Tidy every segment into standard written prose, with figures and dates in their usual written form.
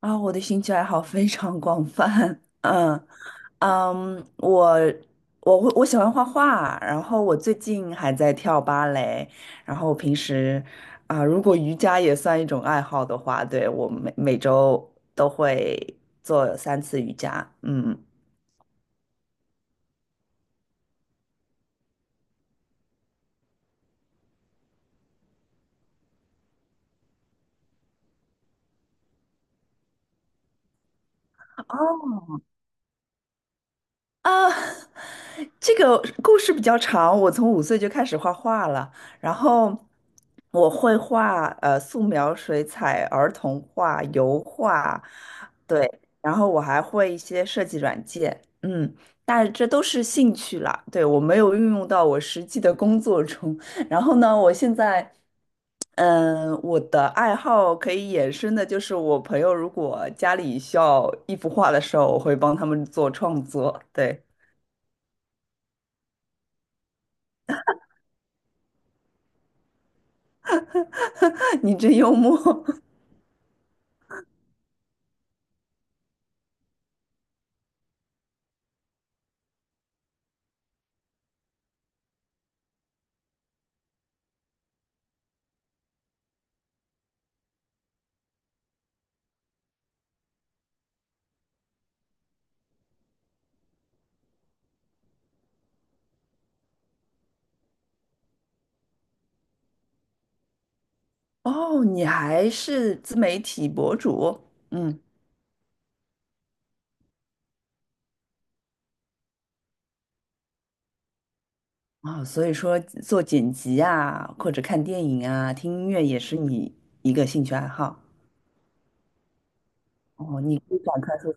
啊，我的兴趣爱好非常广泛。嗯嗯，我我喜欢画画，然后我最近还在跳芭蕾，然后平时啊，如果瑜伽也算一种爱好的话，对，我每周都会做3次瑜伽。嗯，哦。啊，这个故事比较长。我从5岁就开始画画了，然后我会画素描、水彩、儿童画、油画，对，然后我还会一些设计软件，嗯，但是这都是兴趣啦，对，我没有运用到我实际的工作中。然后呢，我现在，我的爱好可以衍生的就是，我朋友如果家里需要一幅画的时候，我会帮他们做创作。对。你真幽默。 哦，你还是自媒体博主，嗯，啊、所以说做剪辑啊，或者看电影啊，听音乐也是你一个兴趣爱好。哦，你可以展开说。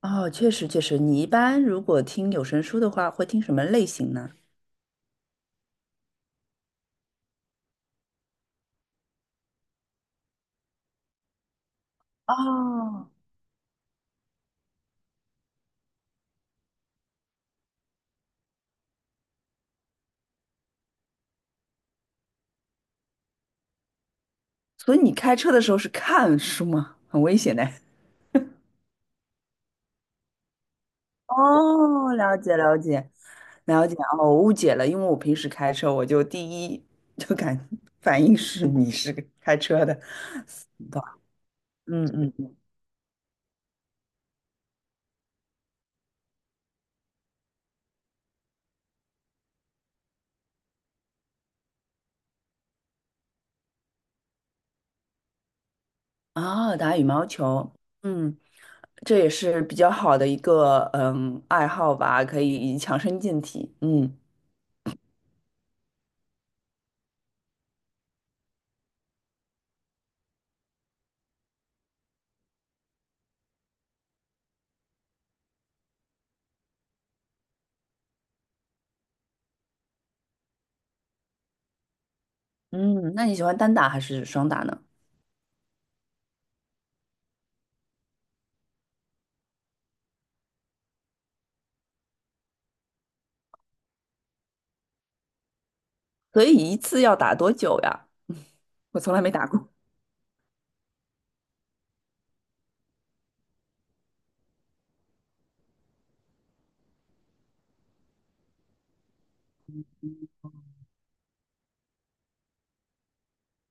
哦，确实确实，你一般如果听有声书的话，会听什么类型呢？哦，所以你开车的时候是看书吗？很危险的。哦，了解了解了解。哦，我误解了，因为我平时开车，我就第一就感反应是你是个开车的，懂？嗯嗯，哦，打羽毛球，嗯，这也是比较好的一个爱好吧，可以强身健体。嗯嗯，那你喜欢单打还是双打呢？所以一次要打多久呀？我从来没打过。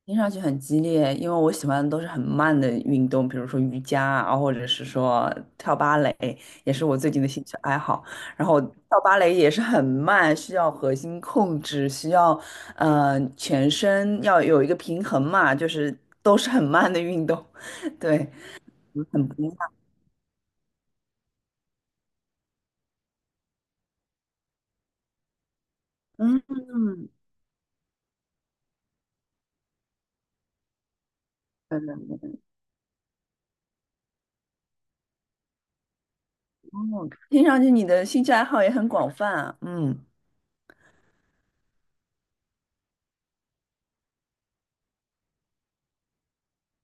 听上去很激烈，因为我喜欢的都是很慢的运动，比如说瑜伽啊，或者是说跳芭蕾，也是我最近的兴趣爱好。然后跳芭蕾也是很慢，需要核心控制，需要全身要有一个平衡嘛，就是都是很慢的运动。对，很不一样。嗯，对的。哦，听上去你的兴趣爱好也很广泛啊。嗯，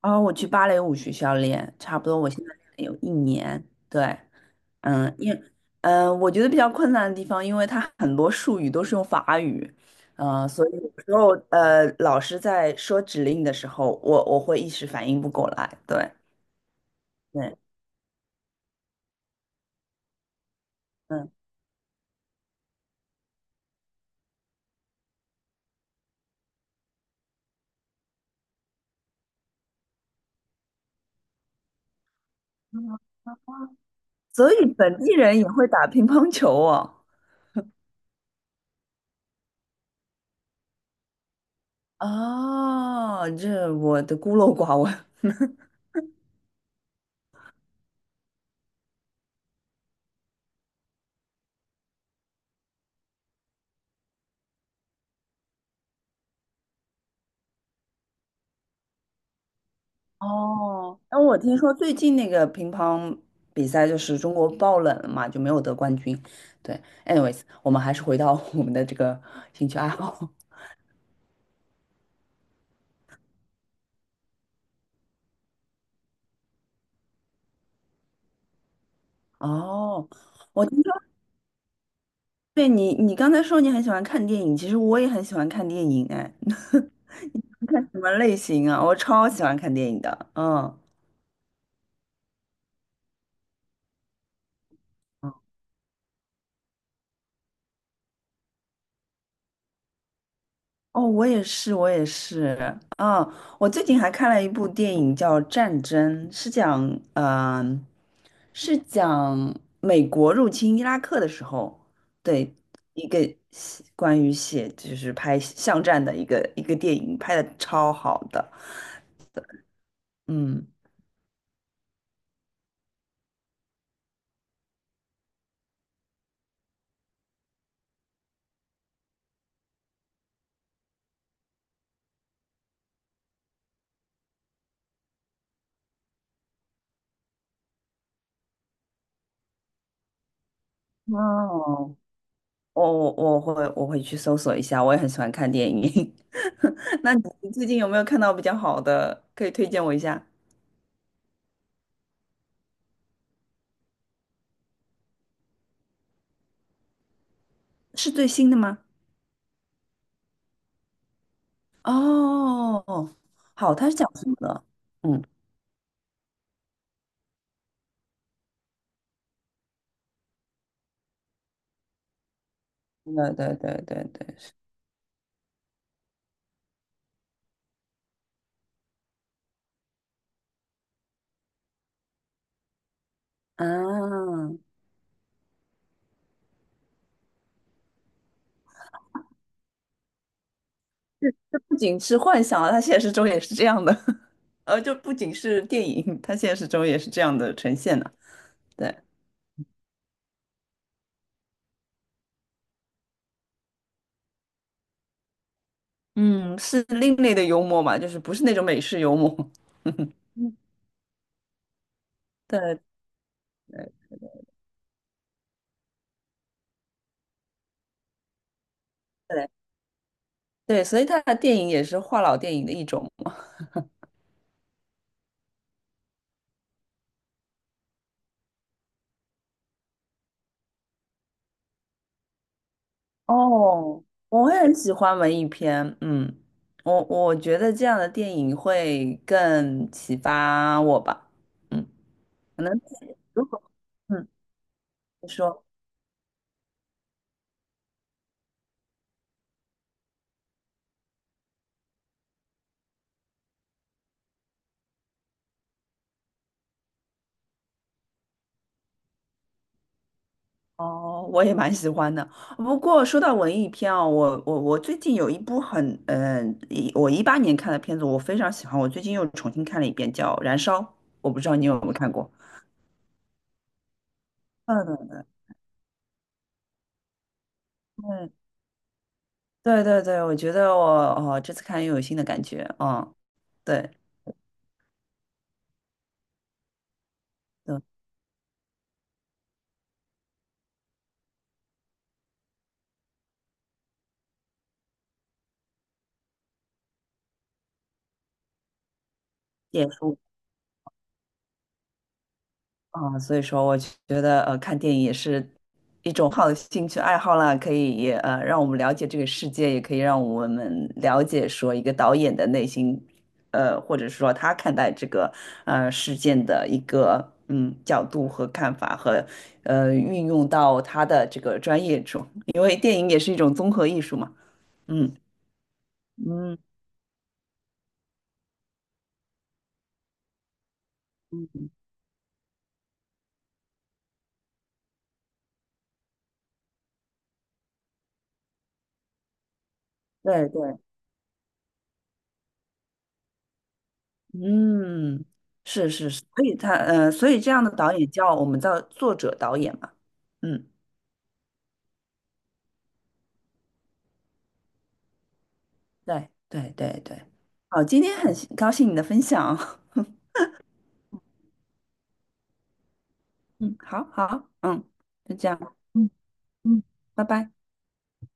然后我去芭蕾舞学校练，差不多我现在练了有1年，对。嗯，因我觉得比较困难的地方，因为它很多术语都是用法语，所以有时候老师在说指令的时候，我会一时反应不过来。对，对。嗯，所以本地人也会打乒乓球哦。哦，这我的孤陋寡闻。哦，那我听说最近那个乒乓比赛就是中国爆冷了嘛，就没有得冠军。对，anyways，我们还是回到我们的这个兴趣爱好。哦，我听说对，你，你刚才说你很喜欢看电影，其实我也很喜欢看电影，哎。你看什么类型啊？我超喜欢看电影的。嗯，哦，我也是，我也是。嗯，我最近还看了一部电影叫《战争》，是讲，嗯、是讲美国入侵伊拉克的时候，对，一个写关于写就是拍巷战的一个电影，拍的超好的，嗯。哦，我会去搜索一下，我也很喜欢看电影。那你最近有没有看到比较好的，可以推荐我一下？是最新的吗？哦，好，它是讲什么的？嗯，对对对对对，是啊，这不仅是幻想啊，它现实中也是这样的。呃，就不仅是电影，它现实中也是这样的呈现的。对，嗯，是另类的幽默嘛，就是不是那种美式幽默。对对对。对，所以他的电影也是话痨电影的一种。哦，我也很喜欢文艺片。嗯，我觉得这样的电影会更启发我吧。嗯，可能如果嗯你说哦，我也蛮喜欢的。不过说到文艺片哦，我最近有一部很嗯、一我2018年看的片子，我非常喜欢，我最近又重新看了一遍，叫《燃烧》，我不知道你有没有看过。嗯，对对对对，我觉得我哦，这次看又有新的感觉。嗯，对对，也是啊。嗯，所以说我觉得看电影也是一种好的兴趣爱好啦，可以也让我们了解这个世界，也可以让我们了解说一个导演的内心，或者说他看待这个事件的一个角度和看法和运用到他的这个专业中，因为电影也是一种综合艺术嘛。嗯嗯嗯，对对。嗯，是是是。所以这样的导演叫我们叫作者导演嘛。嗯，对对对对。好，今天很高兴你的分享。嗯，好好。嗯，就这样。嗯嗯，拜拜。